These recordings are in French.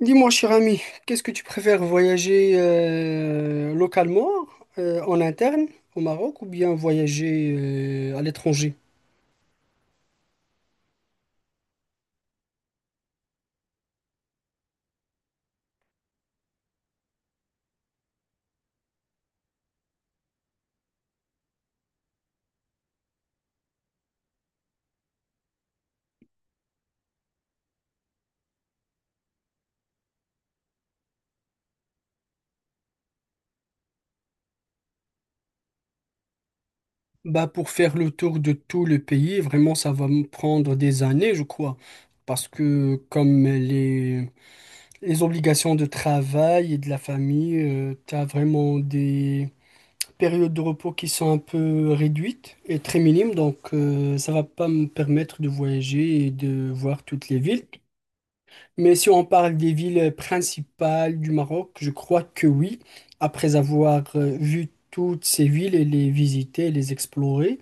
Dis-moi, cher ami, qu'est-ce que tu préfères, voyager localement, en interne, au Maroc, ou bien voyager à l'étranger? Bah, pour faire le tour de tout le pays, vraiment, ça va me prendre des années, je crois. Parce que comme les obligations de travail et de la famille, tu as vraiment des périodes de repos qui sont un peu réduites et très minimes. Donc, ça va pas me permettre de voyager et de voir toutes les villes. Mais si on parle des villes principales du Maroc, je crois que oui. Après avoir vu toutes ces villes et les visiter, les explorer,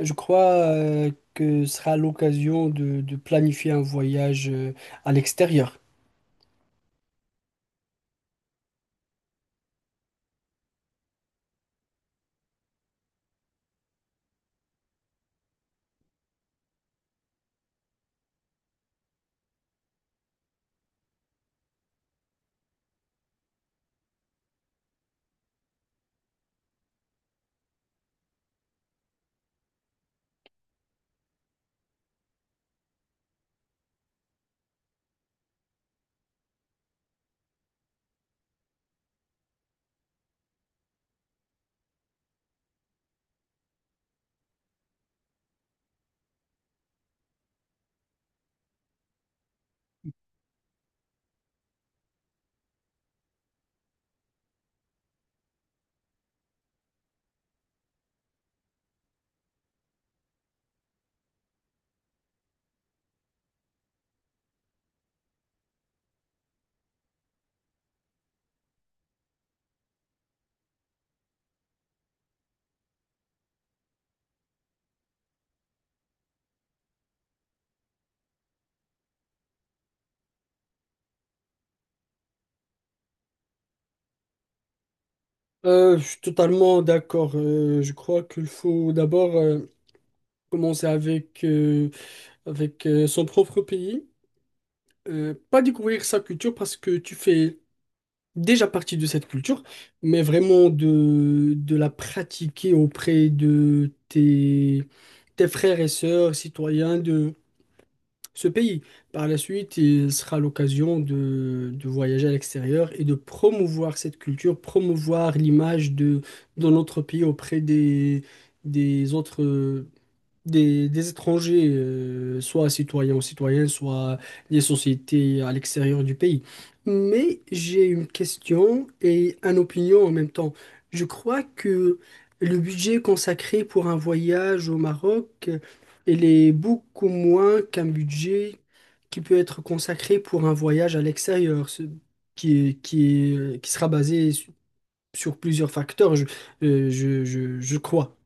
je crois, que ce sera l'occasion de planifier un voyage à l'extérieur. Je suis totalement d'accord. Je crois qu'il faut d'abord commencer avec son propre pays. Pas découvrir sa culture parce que tu fais déjà partie de cette culture, mais vraiment de la pratiquer auprès de tes frères et sœurs citoyens de ce pays. Par la suite, il sera l'occasion de voyager à l'extérieur et de promouvoir cette culture, promouvoir l'image de notre pays auprès des autres des étrangers, soit citoyens ou citoyennes, soit des sociétés à l'extérieur du pays. Mais j'ai une question et une opinion en même temps. Je crois que le budget consacré pour un voyage au Maroc, il est beaucoup moins qu'un budget qui peut être consacré pour un voyage à l'extérieur, qui sera basé sur plusieurs facteurs, je crois.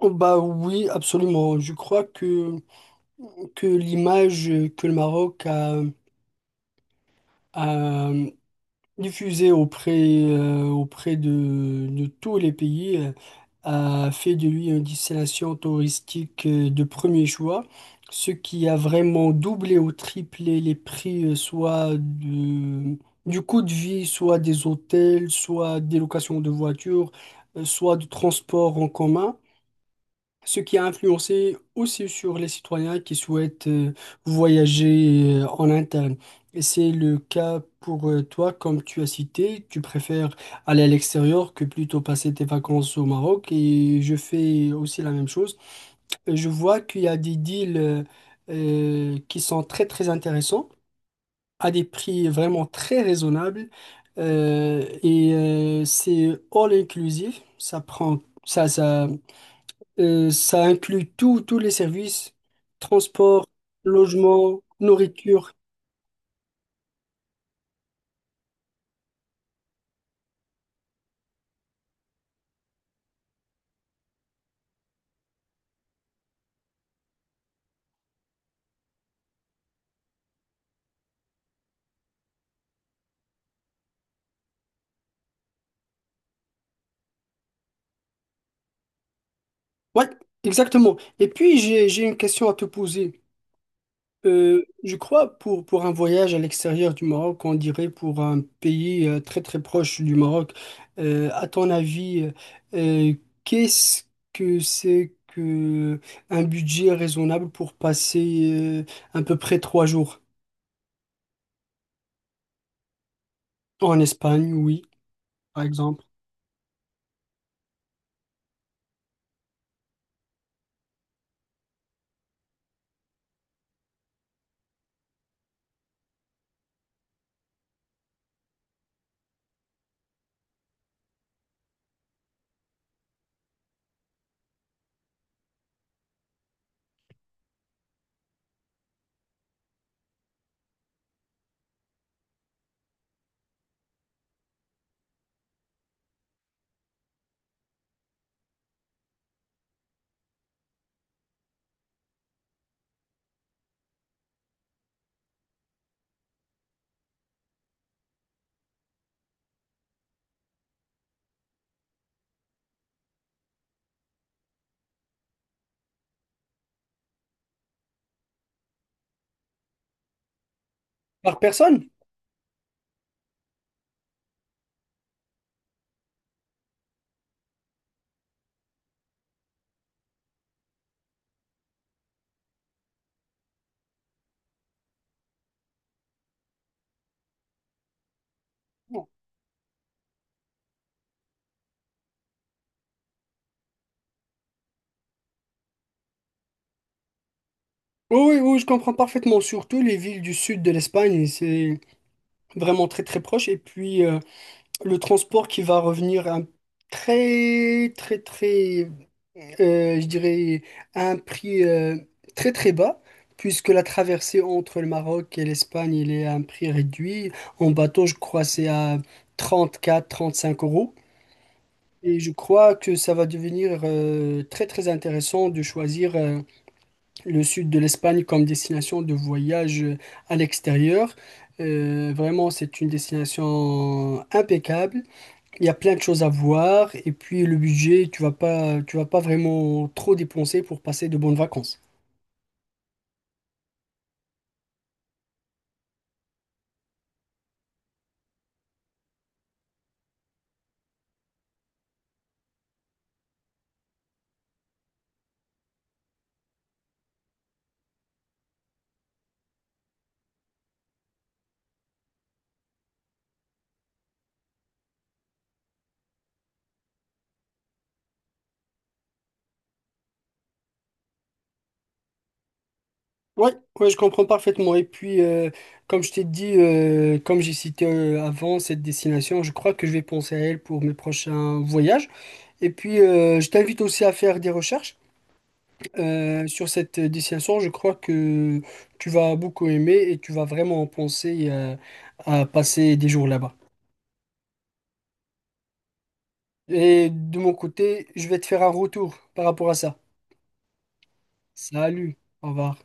Oh bah oui, absolument. Je crois que l'image que le Maroc a, diffusée auprès de tous les pays, a fait de lui une destination touristique, de premier choix, ce qui a vraiment doublé ou triplé les prix, soit du coût de vie, soit des hôtels, soit des locations de voitures, soit du transport en commun. Ce qui a influencé aussi sur les citoyens qui souhaitent voyager en interne. Et c'est le cas pour toi, comme tu as cité, tu préfères aller à l'extérieur que plutôt passer tes vacances au Maroc. Et je fais aussi la même chose. Et je vois qu'il y a des deals qui sont très très intéressants, à des prix vraiment très raisonnables. Et c'est all inclusive. Ça prend ça. Ça inclut tous les services, transport, logement, nourriture. Ouais, exactement. Et puis, j'ai une question à te poser. Je crois pour un voyage à l'extérieur du Maroc, on dirait pour un pays, très très proche du Maroc, à ton avis, euh, qu'est-ce que c'est que un budget raisonnable pour passer à peu près trois jours en Espagne, oui, par exemple, par personne? Oui, oui, oui, je comprends parfaitement. Surtout les villes du sud de l'Espagne, c'est vraiment très très proche. Et puis le transport qui va revenir à un très très très, je dirais, à un prix, très très bas, puisque la traversée entre le Maroc et l'Espagne, il est à un prix réduit. En bateau, je crois, c'est à 34, trente cinq euros. Et je crois que ça va devenir très très intéressant de choisir, le sud de l'Espagne comme destination de voyage à l'extérieur. Vraiment, c'est une destination impeccable. Il y a plein de choses à voir, et puis le budget, tu vas pas vraiment trop dépenser pour passer de bonnes vacances. Ouais, ouais, je comprends parfaitement. Et puis, comme je t'ai dit, comme j'ai cité avant cette destination, je crois que je vais penser à elle pour mes prochains voyages. Et puis, je t'invite aussi à faire des recherches. Sur cette destination, je crois que tu vas beaucoup aimer et tu vas vraiment penser à passer des jours là-bas. Et de mon côté, je vais te faire un retour par rapport à ça. Salut, au revoir.